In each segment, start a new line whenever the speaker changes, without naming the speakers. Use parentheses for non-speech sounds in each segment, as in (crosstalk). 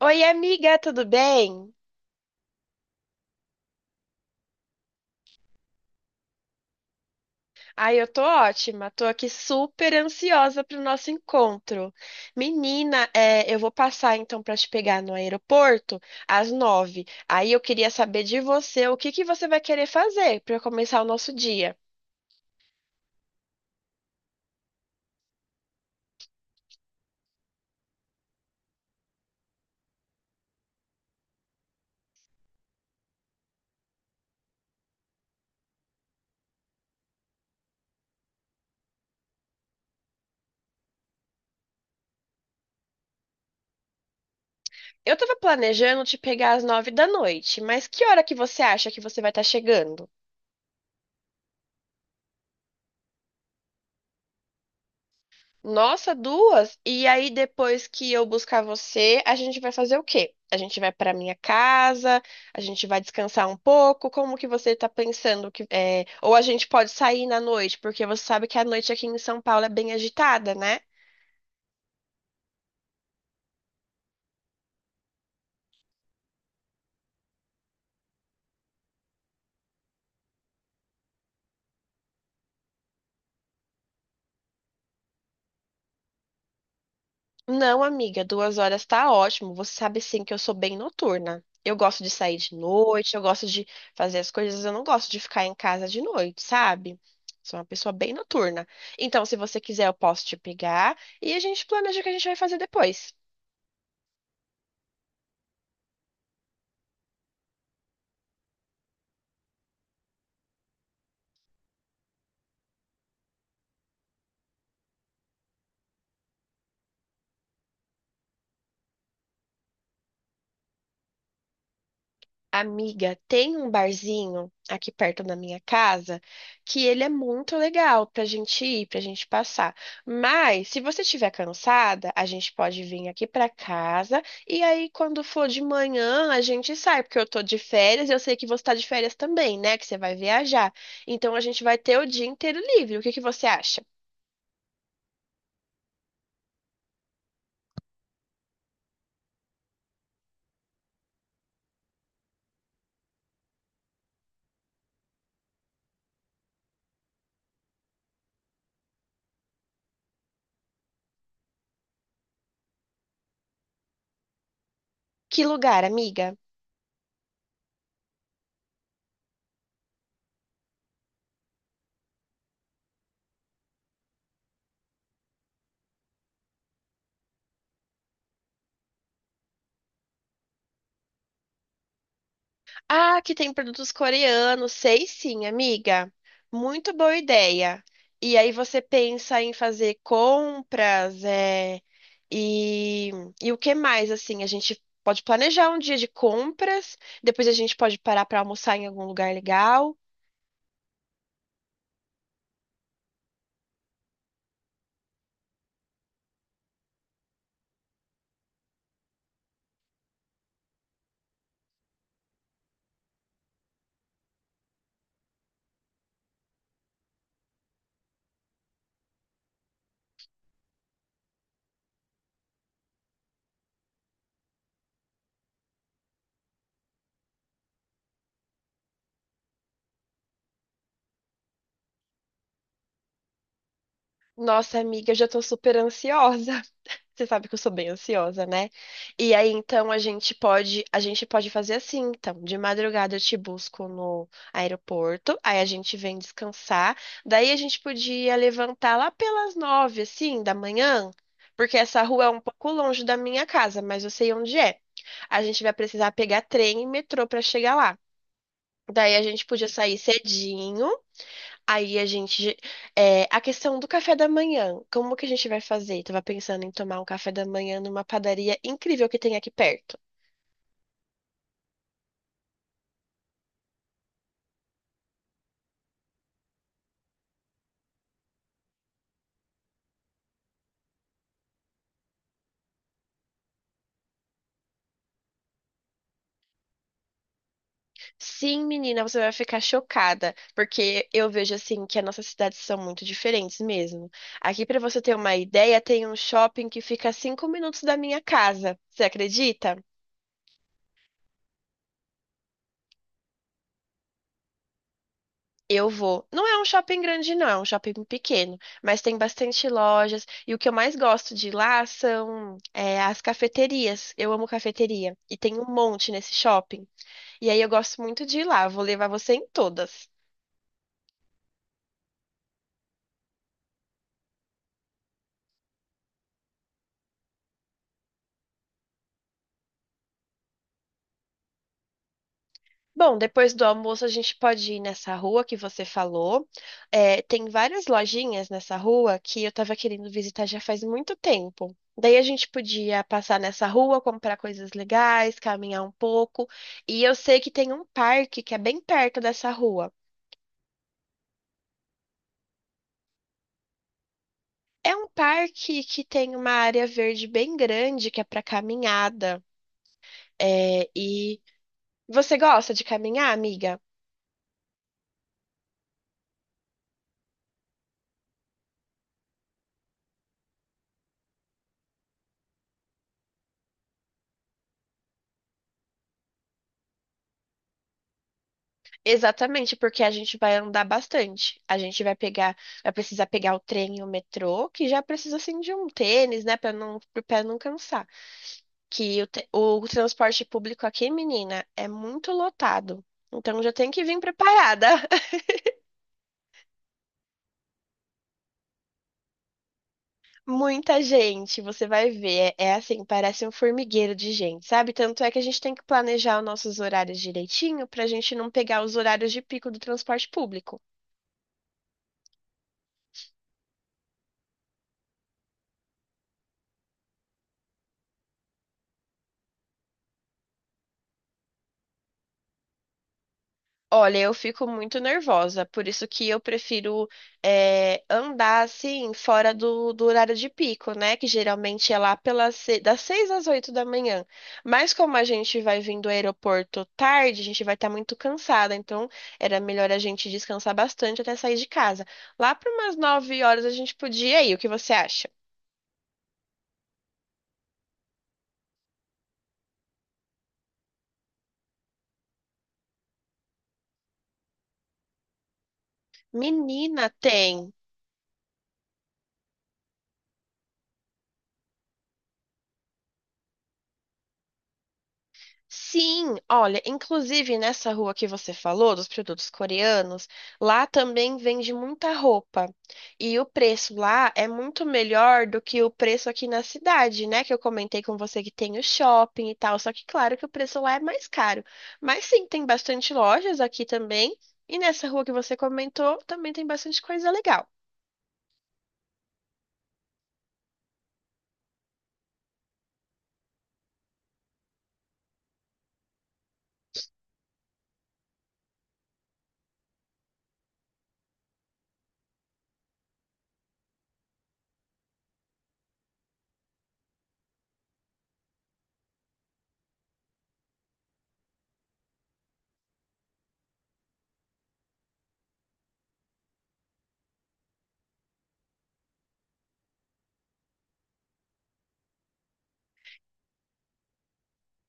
Oi, amiga, tudo bem? Ai, eu tô ótima, tô aqui super ansiosa pro nosso encontro. Menina, eu vou passar então pra te pegar no aeroporto às 9. Aí eu queria saber de você o que que você vai querer fazer pra começar o nosso dia. Eu tava planejando te pegar às 9 da noite, mas que hora que você acha que você vai estar chegando? Nossa, 2? E aí, depois que eu buscar você, a gente vai fazer o quê? A gente vai para minha casa, a gente vai descansar um pouco. Como que você tá pensando que é, ou a gente pode sair na noite, porque você sabe que a noite aqui em São Paulo é bem agitada, né? Não, amiga, 2 horas tá ótimo. Você sabe sim que eu sou bem noturna. Eu gosto de sair de noite, eu gosto de fazer as coisas, eu não gosto de ficar em casa de noite, sabe? Sou uma pessoa bem noturna. Então, se você quiser, eu posso te pegar e a gente planeja o que a gente vai fazer depois. Amiga, tem um barzinho aqui perto da minha casa que ele é muito legal pra gente ir, pra gente passar. Mas se você estiver cansada, a gente pode vir aqui pra casa e aí quando for de manhã a gente sai, porque eu tô de férias e eu sei que você tá de férias também, né? Que você vai viajar. Então a gente vai ter o dia inteiro livre. O que que você acha? Que lugar, amiga? Ah, que tem produtos coreanos, sei sim, amiga. Muito boa ideia. E aí você pensa em fazer compras, e, e o que mais, assim, a gente pode planejar um dia de compras, depois a gente pode parar para almoçar em algum lugar legal. Nossa, amiga, eu já tô super ansiosa. Você sabe que eu sou bem ansiosa, né? E aí, então, a gente pode fazer assim, então, de madrugada eu te busco no aeroporto, aí a gente vem descansar, daí a gente podia levantar lá pelas 9, assim, da manhã, porque essa rua é um pouco longe da minha casa, mas eu sei onde é. A gente vai precisar pegar trem e metrô para chegar lá. Daí a gente podia sair cedinho. Aí a gente. A questão do café da manhã. Como que a gente vai fazer? Tava pensando em tomar um café da manhã numa padaria incrível que tem aqui perto. Sim, menina, você vai ficar chocada, porque eu vejo assim que as nossas cidades são muito diferentes mesmo. Aqui, pra você ter uma ideia, tem um shopping que fica a 5 minutos da minha casa. Você acredita? Eu vou. Não é um shopping grande, não, é um shopping pequeno, mas tem bastante lojas. E o que eu mais gosto de ir lá são as cafeterias. Eu amo cafeteria. E tem um monte nesse shopping. E aí eu gosto muito de ir lá. Vou levar você em todas. Bom, depois do almoço a gente pode ir nessa rua que você falou. É, tem várias lojinhas nessa rua que eu estava querendo visitar já faz muito tempo. Daí a gente podia passar nessa rua, comprar coisas legais, caminhar um pouco. E eu sei que tem um parque que é bem perto dessa rua. É um parque que tem uma área verde bem grande que é para caminhada. É, e você gosta de caminhar, amiga? Exatamente, porque a gente vai andar bastante. A gente vai pegar, vai precisar pegar o trem e o metrô, que já precisa assim de um tênis, né, para não, pro pé não cansar. Que o transporte público aqui, menina, é muito lotado. Então já tem que vir preparada. (laughs) Muita gente, você vai ver. É, é assim, parece um formigueiro de gente, sabe? Tanto é que a gente tem que planejar os nossos horários direitinho para a gente não pegar os horários de pico do transporte público. Olha, eu fico muito nervosa, por isso que eu prefiro andar assim fora do horário de pico, né? Que geralmente é lá pelas das 6 às 8 da manhã. Mas como a gente vai vindo do aeroporto tarde, a gente vai estar muito cansada, então era melhor a gente descansar bastante até sair de casa. Lá para umas 9 horas a gente podia ir, o que você acha? Menina, tem. Sim, olha, inclusive nessa rua que você falou, dos produtos coreanos, lá também vende muita roupa. E o preço lá é muito melhor do que o preço aqui na cidade, né? Que eu comentei com você que tem o shopping e tal. Só que, claro, que o preço lá é mais caro. Mas sim, tem bastante lojas aqui também. E nessa rua que você comentou, também tem bastante coisa legal.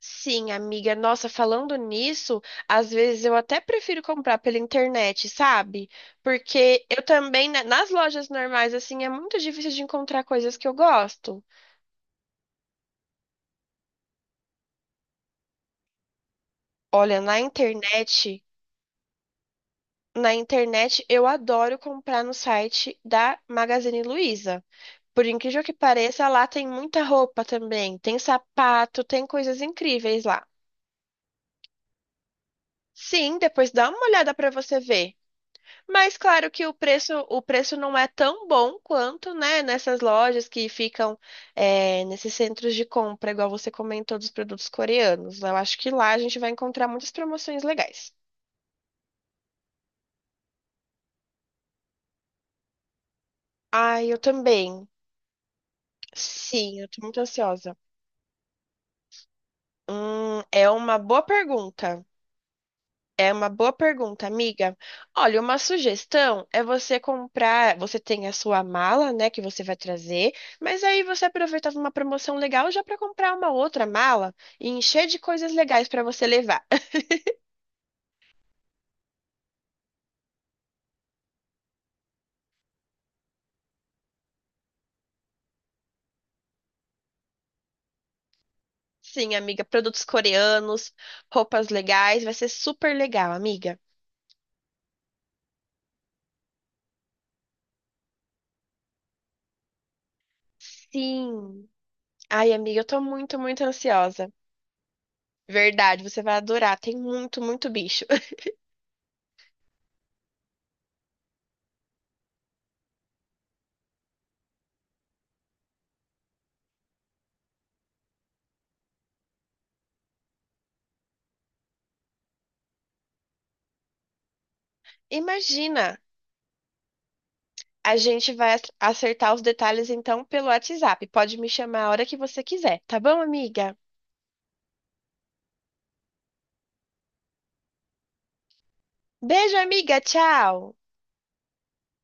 Sim, amiga. Nossa, falando nisso, às vezes eu até prefiro comprar pela internet, sabe? Porque eu também, né, nas lojas normais, assim, é muito difícil de encontrar coisas que eu gosto. Olha, na internet eu adoro comprar no site da Magazine Luiza. Por incrível que pareça, lá tem muita roupa também, tem sapato, tem coisas incríveis lá. Sim, depois dá uma olhada pra você ver. Mas claro que o preço não é tão bom quanto, né, nessas lojas que ficam nesses centros de compra, igual você comentou dos produtos coreanos. Eu acho que lá a gente vai encontrar muitas promoções legais. Ai, eu também. Sim, eu tô muito ansiosa. É uma boa pergunta. É uma boa pergunta, amiga. Olha, uma sugestão é você comprar. Você tem a sua mala, né, que você vai trazer, mas aí você aproveitava uma promoção legal já para comprar uma outra mala e encher de coisas legais para você levar. (laughs) Sim, amiga, produtos coreanos, roupas legais, vai ser super legal, amiga. Sim. Ai, amiga, eu tô muito, muito ansiosa. Verdade, você vai adorar. Tem muito, muito bicho. (laughs) Imagina. A gente vai acertar os detalhes então pelo WhatsApp. Pode me chamar a hora que você quiser, tá bom, amiga? Beijo, amiga. Tchau.